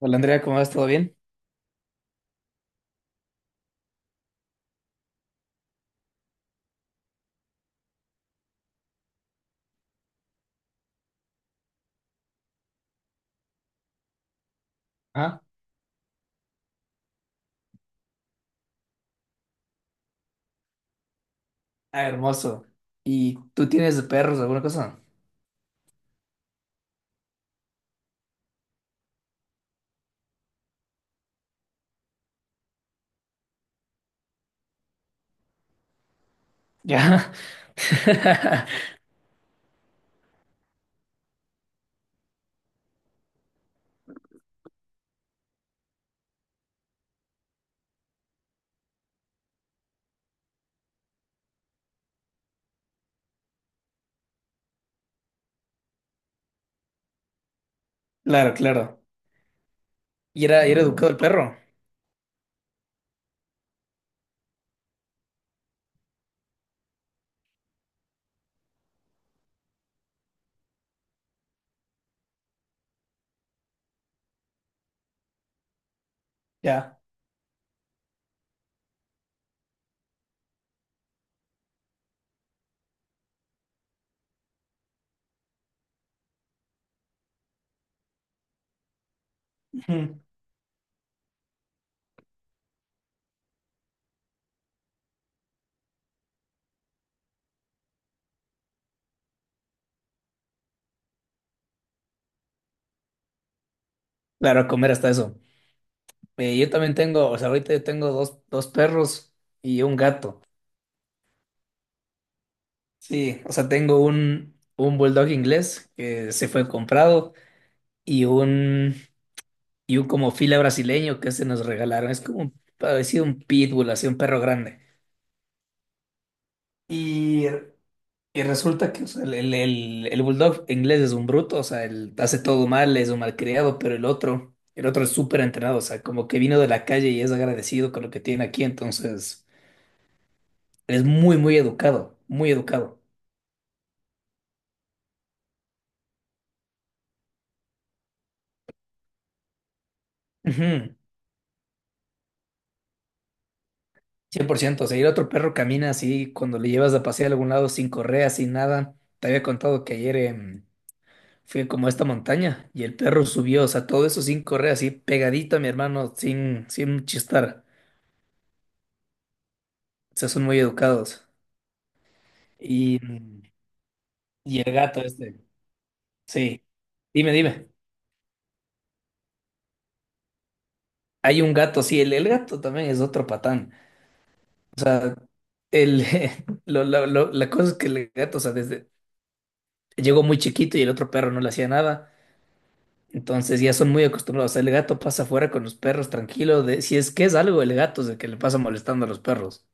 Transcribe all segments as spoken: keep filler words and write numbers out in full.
Hola Andrea, ¿cómo vas? ¿Todo bien? Ah, Ah, hermoso. ¿Y tú tienes de perros alguna cosa? Ya. Claro, claro. ¿Y era, y era educado el perro? Ya. Ujú. Claro, a comer hasta eso. Eh, yo también tengo, o sea, ahorita yo tengo dos, dos perros y un gato. Sí, o sea, tengo un, un bulldog inglés que se fue comprado y un, y un como fila brasileño que se nos regalaron. Es como un- parecido a un pitbull, así un perro grande. Y Y resulta que o sea, el, el, el- el bulldog inglés es un bruto, o sea, él hace todo mal, es un malcriado, pero el otro, el otro es súper entrenado, o sea, como que vino de la calle y es agradecido con lo que tiene aquí, entonces es muy, muy educado, muy educado. Ujú, cien por ciento, o sea, y el otro perro camina así cuando le llevas a pasear a algún lado sin correa, sin nada. Te había contado que ayer em, fui como a esta montaña y el perro subió, o sea, todo eso sin correa, así pegadito a mi hermano, sin, sin chistar. O sea, son muy educados. Y, y el gato este, sí. Dime, dime. Hay un gato, sí, el, el gato también es otro patán. O sea, el, lo- lo- lo- la cosa es que el gato, o sea, desde, llegó muy chiquito y el otro perro no le hacía nada. Entonces ya son muy acostumbrados. El gato pasa afuera con los perros tranquilo. De, si es que es algo, el gato es el que le pasa molestando a los perros.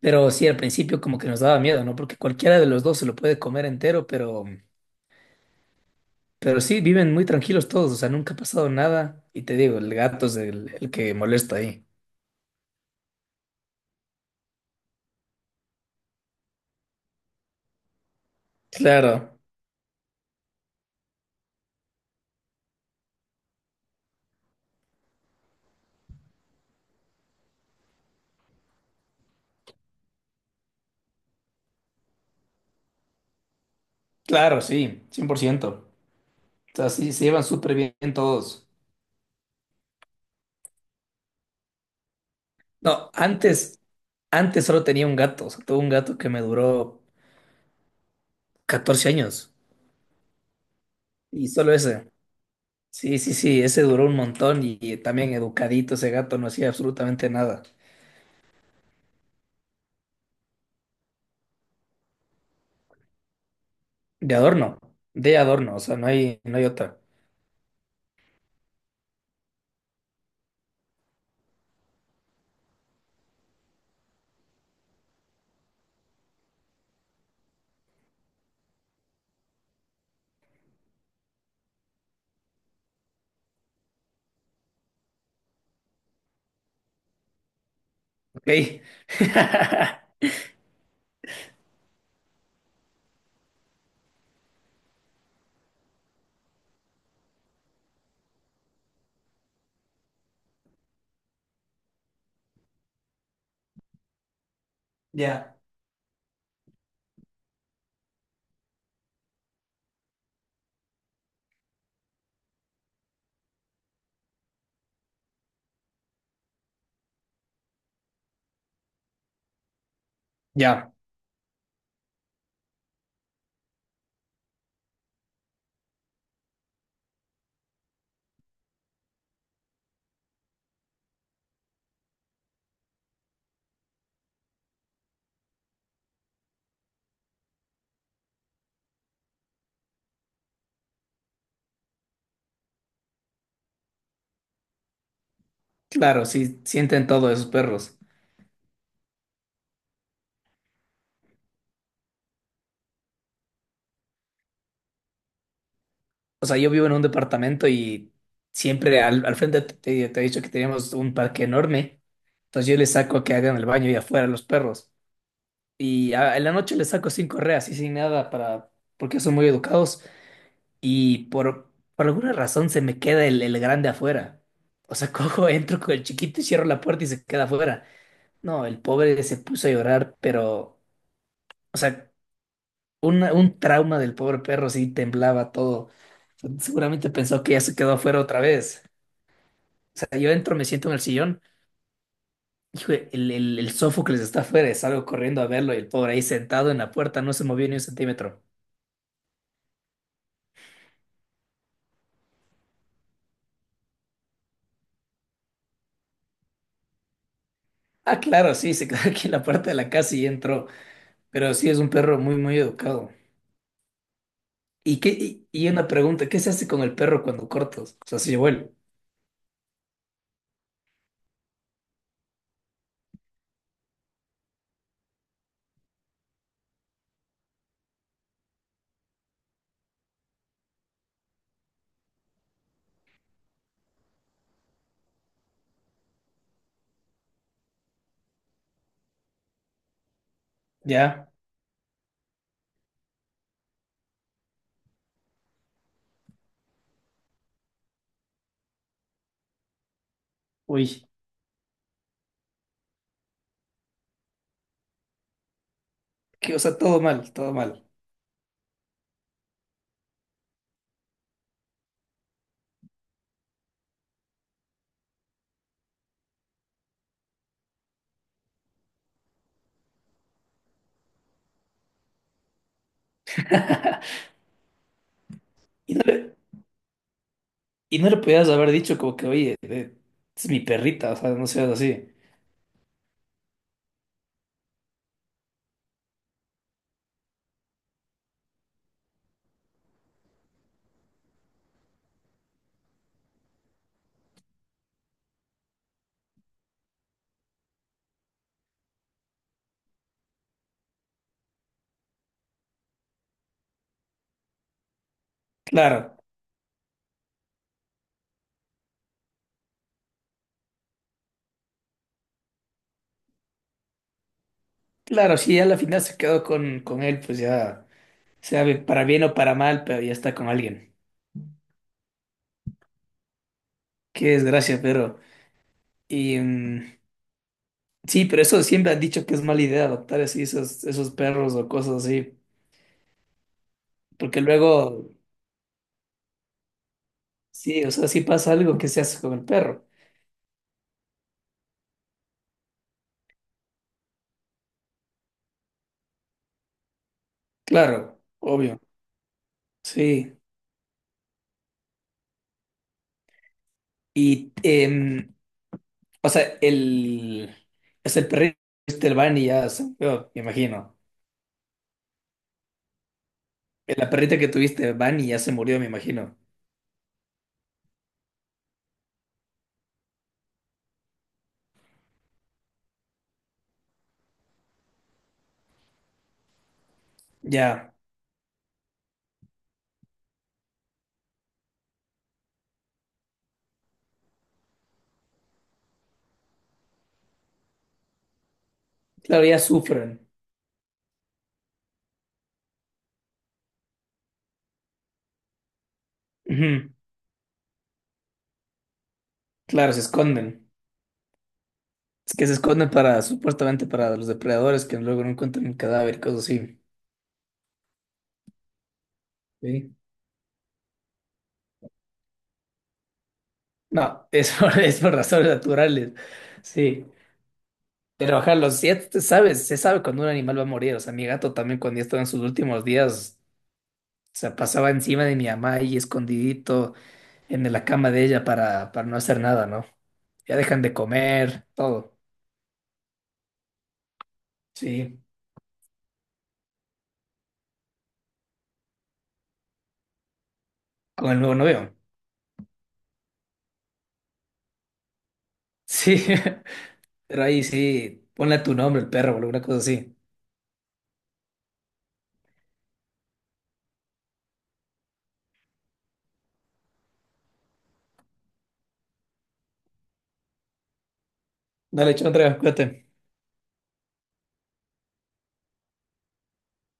Pero sí, al principio como que nos daba miedo, ¿no? Porque cualquiera de los dos se lo puede comer entero, pero... Pero sí, viven muy tranquilos todos, o sea, nunca ha pasado nada. Y te digo, el gato es el, el que molesta ahí. Claro, claro, sí, cien por ciento. O sea, sí, se llevan súper bien todos. No, antes, antes solo tenía un gato, o sea, tuve un gato que me duró catorce años. Y solo ese. Sí, sí, sí, ese duró un montón y, y también educadito ese gato, no hacía absolutamente nada. De adorno, de adorno, o sea, no hay, no hay otra. Ok. Ya. Ya. Claro, sí, sienten todo esos perros. O sea, yo vivo en un departamento y siempre al, al frente te, te- te he dicho que teníamos un parque enorme. Entonces yo les saco que hagan el baño y afuera a los perros. Y a- en la noche les saco sin correas y sin nada para, porque son muy educados. Y por, por alguna razón se me queda el, el grande afuera. O sea, cojo, entro con el chiquito y cierro la puerta y se queda afuera. No, el pobre se puso a llorar, pero, o sea, una- un trauma del pobre perro, sí, temblaba todo. Seguramente pensó que ya se quedó afuera otra vez. O sea, yo entro, me siento en el sillón. Hijo, el, el, el Sófocles está afuera, y salgo corriendo a verlo y el pobre ahí sentado en la puerta no se movió ni un centímetro. Ah, claro, sí, se quedó aquí en la puerta de la casa y entró. Pero sí, es un perro muy, muy educado. ¿Y qué? Y, y una pregunta, ¿qué se hace con el perro cuando cortas? O sea, si se llevó el... Ya, uy, que, o sea, todo mal, todo mal. Y no le podías haber dicho como que, oye, eh, es mi perrita, o sea, no seas así. Claro, claro, si ya a la final se quedó con, con él, pues ya, sea bien- para bien o para mal, pero ya está con alguien. Qué desgracia, pero... Y, mm, sí, pero eso siempre han dicho que es mala idea adoptar así esos, esos perros o cosas así, porque luego, sí, o sea, si pasa algo, que se hace con el perro? Claro, obvio, sí. Y em, o sea, el, es el perrito que tuviste, el Bunny, ya se murió, me imagino. La perrita que tuviste, Bunny, ya se murió, me imagino. Ya, claro, ya sufren. Ujú. Claro, se esconden. Es que se esconden para, supuestamente para los depredadores que luego no encuentran el cadáver, cosas así. Sí. No, es por, es por razones naturales. Sí. Pero ojalá, los si ya siete, sabes, se sabe cuando un animal va a morir. O sea, mi gato también cuando ya estaba en sus últimos días, o sea, pasaba encima de mi mamá ahí escondidito en la cama de ella para, para no hacer nada, ¿no? Ya dejan de comer, todo. Sí, con el nuevo novio. Sí, pero ahí sí, ponle a tu nombre, el perro, o alguna cosa así. Dale, chao, Andrea, cuídate.